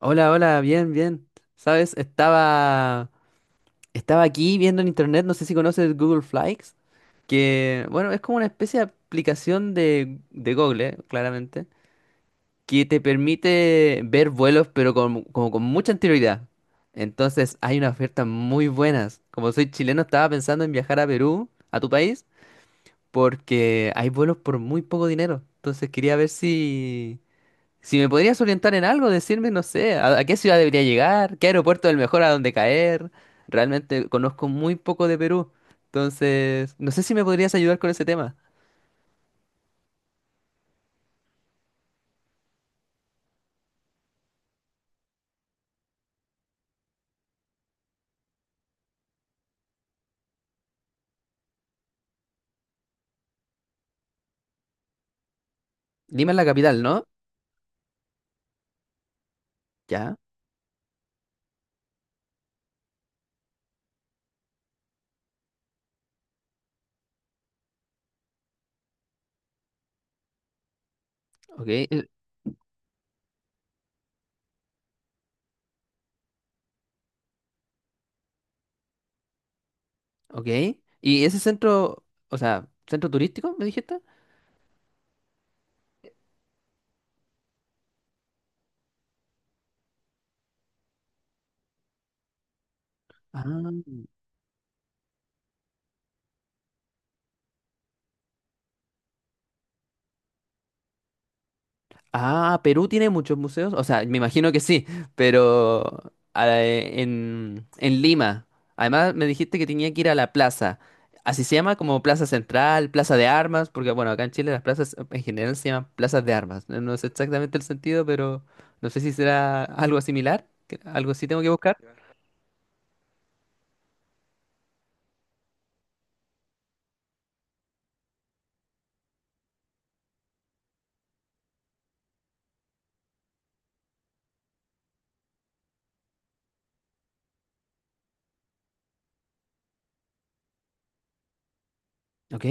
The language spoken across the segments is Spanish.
Hola, hola, bien, bien. ¿Sabes? Estaba aquí viendo en internet, no sé si conoces Google Flights, que, bueno, es como una especie de aplicación de Google, claramente, que te permite ver vuelos, pero con, como con mucha anterioridad. Entonces, hay unas ofertas muy buenas. Como soy chileno, estaba pensando en viajar a Perú, a tu país, porque hay vuelos por muy poco dinero. Entonces, quería ver si me podrías orientar en algo, decirme, no sé, a qué ciudad debería llegar, qué aeropuerto es el mejor a dónde caer. Realmente conozco muy poco de Perú. Entonces, no sé si me podrías ayudar con ese tema. Lima es la capital, ¿no? Ya, ok, ok. ¿Y ese centro, o sea, centro turístico, me dijiste? Ah. Ah, Perú tiene muchos museos. O sea, me imagino que sí, pero ah, en Lima. Además, me dijiste que tenía que ir a la plaza. Así se llama como Plaza Central, Plaza de Armas, porque bueno, acá en Chile las plazas en general se llaman plazas de armas. No sé exactamente el sentido, pero no sé si será algo similar. Algo así tengo que buscar. ¿Ok?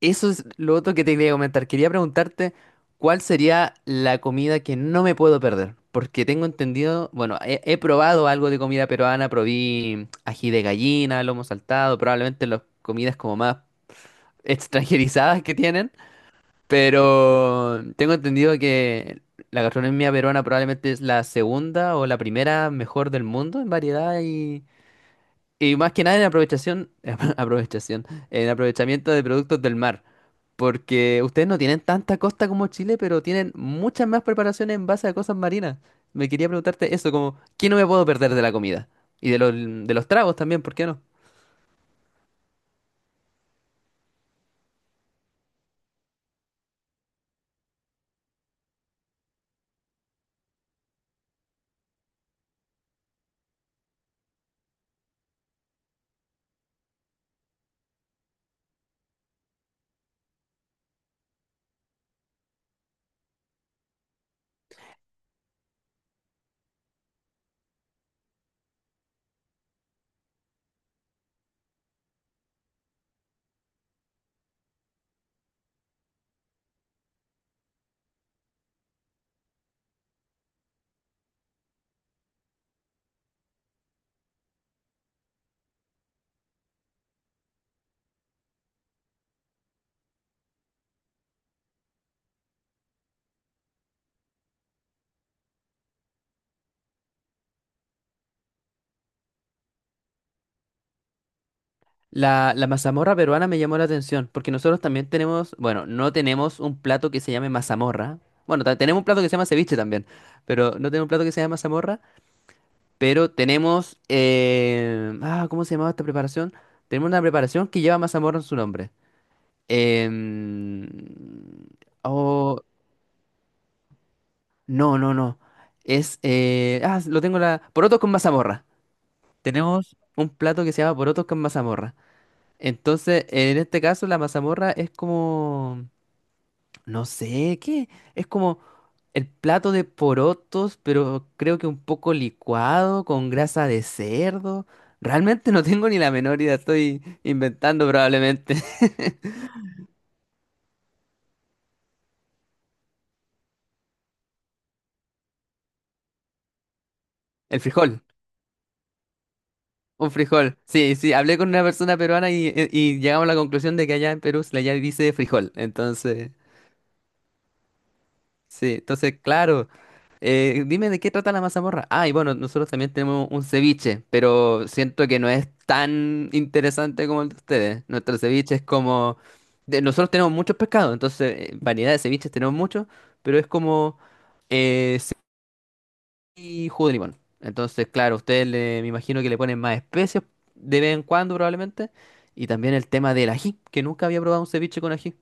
Eso es lo otro que te quería comentar. Quería preguntarte cuál sería la comida que no me puedo perder. Porque tengo entendido, bueno, he probado algo de comida peruana, probé ají de gallina, lomo saltado, probablemente las comidas como más extranjerizadas que tienen. Pero tengo entendido que la gastronomía peruana probablemente es la segunda o la primera mejor del mundo en variedad y más que nada en en aprovechamiento de productos del mar. Porque ustedes no tienen tanta costa como Chile, pero tienen muchas más preparaciones en base a cosas marinas. Me quería preguntarte eso, como, ¿qué no me puedo perder de la comida? Y de los tragos también, ¿por qué no? La mazamorra peruana me llamó la atención, porque nosotros también tenemos, bueno, no tenemos un plato que se llame mazamorra. Bueno, tenemos un plato que se llama ceviche también, pero no tenemos un plato que se llame mazamorra, pero tenemos, ¿cómo se llamaba esta preparación? Tenemos una preparación que lleva mazamorra en su nombre. Em, oh, no, no, no. Es, lo tengo la... Porotos con mazamorra. Tenemos un plato que se llama porotos con mazamorra. Entonces, en este caso, la mazamorra es como... No sé, ¿qué? Es como el plato de porotos, pero creo que un poco licuado, con grasa de cerdo. Realmente no tengo ni la menor idea, estoy inventando probablemente. El frijol. Un frijol. Sí, sí, hablé con una persona peruana y llegamos a la conclusión de que allá en Perú se le ya dice frijol. Entonces, sí, entonces, claro. Dime de qué trata la mazamorra. Ah, y bueno, nosotros también tenemos un ceviche, pero siento que no es tan interesante como el de ustedes. Nuestro ceviche es como... nosotros tenemos muchos pescados, entonces variedad de ceviches tenemos muchos, pero es como... eh, y jugo de limón. Entonces, claro, me imagino que le ponen más especies de vez en cuando probablemente. Y también el tema del ají, que nunca había probado un ceviche con ají.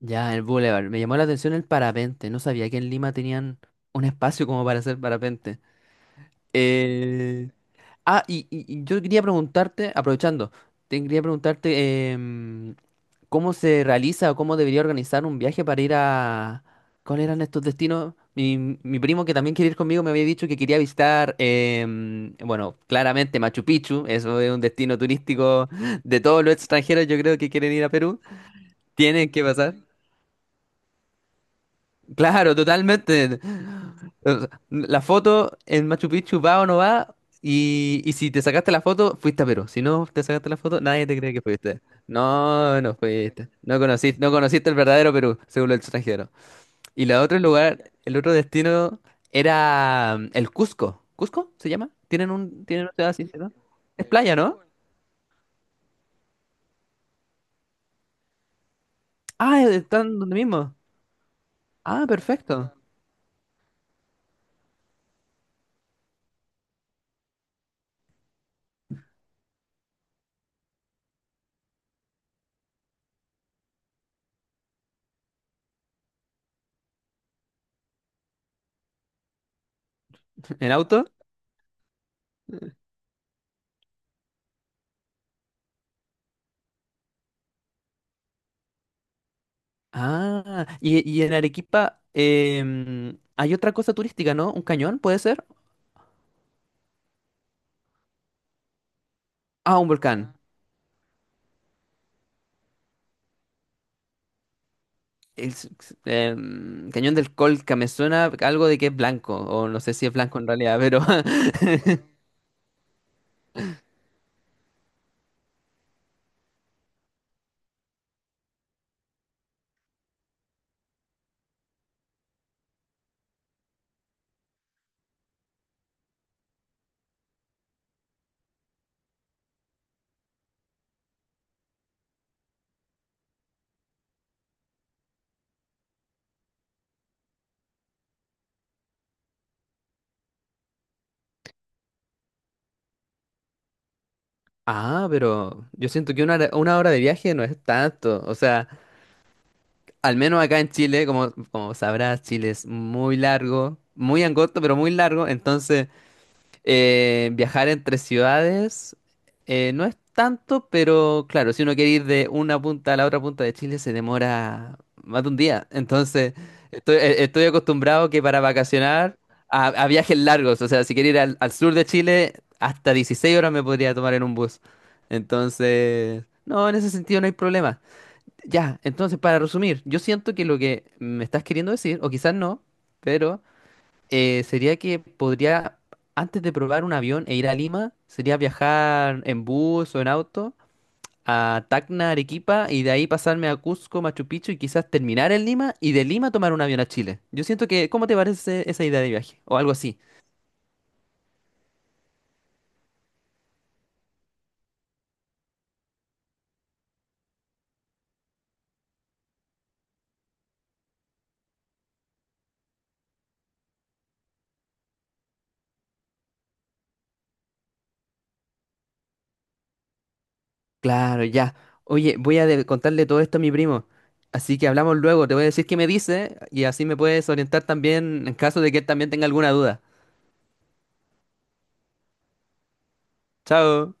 Ya, el boulevard. Me llamó la atención el parapente. No sabía que en Lima tenían un espacio como para hacer parapente. Eh, ah, y yo quería preguntarte, aprovechando, te quería preguntarte cómo se realiza o cómo debería organizar un viaje para ir a... ¿Cuáles eran estos destinos? Mi primo que también quiere ir conmigo me había dicho que quería visitar, bueno, claramente Machu Picchu, eso es un destino turístico de todos los extranjeros, yo creo que quieren ir a Perú. Tienen que pasar. Claro, totalmente. O sea, la foto en Machu Picchu va o no va, y si te sacaste la foto, fuiste a Perú. Si no te sacaste la foto, nadie te cree que fuiste. No, no fuiste. No conociste, no conociste el verdadero Perú, según el extranjero. Y el otro lugar, el otro destino era el Cusco. ¿Cusco se llama? ¿Tienen tienen una ciudad así, ¿no? Es playa, ¿no? Ah, están donde mismo. Ah, perfecto. ¿En auto? Ah, y en Arequipa hay otra cosa turística, ¿no? ¿Un cañón puede ser? Ah, un volcán. El, Cañón del Colca, me suena algo de que es blanco, o no sé si es blanco en realidad, pero... Ah, pero yo siento que una hora de viaje no es tanto. O sea, al menos acá en Chile, como, como sabrás, Chile es muy largo, muy angosto, pero muy largo. Entonces... viajar entre ciudades no es tanto, pero claro, si uno quiere ir de una punta a la otra punta de Chile se demora más de un día. Entonces, estoy acostumbrado que para vacacionar a viajes largos, o sea, si quiero ir al sur de Chile, hasta 16 horas me podría tomar en un bus. Entonces, no, en ese sentido no hay problema. Ya, entonces, para resumir, yo siento que lo que me estás queriendo decir, o quizás no, pero sería que podría, antes de probar un avión e ir a Lima, sería viajar en bus o en auto a Tacna, Arequipa, y de ahí pasarme a Cusco, Machu Picchu, y quizás terminar en Lima, y de Lima tomar un avión a Chile. Yo siento que, ¿cómo te parece esa idea de viaje? O algo así. Claro, ya. Oye, voy a contarle todo esto a mi primo. Así que hablamos luego, te voy a decir qué me dice, y así me puedes orientar también en caso de que él también tenga alguna duda. Chao.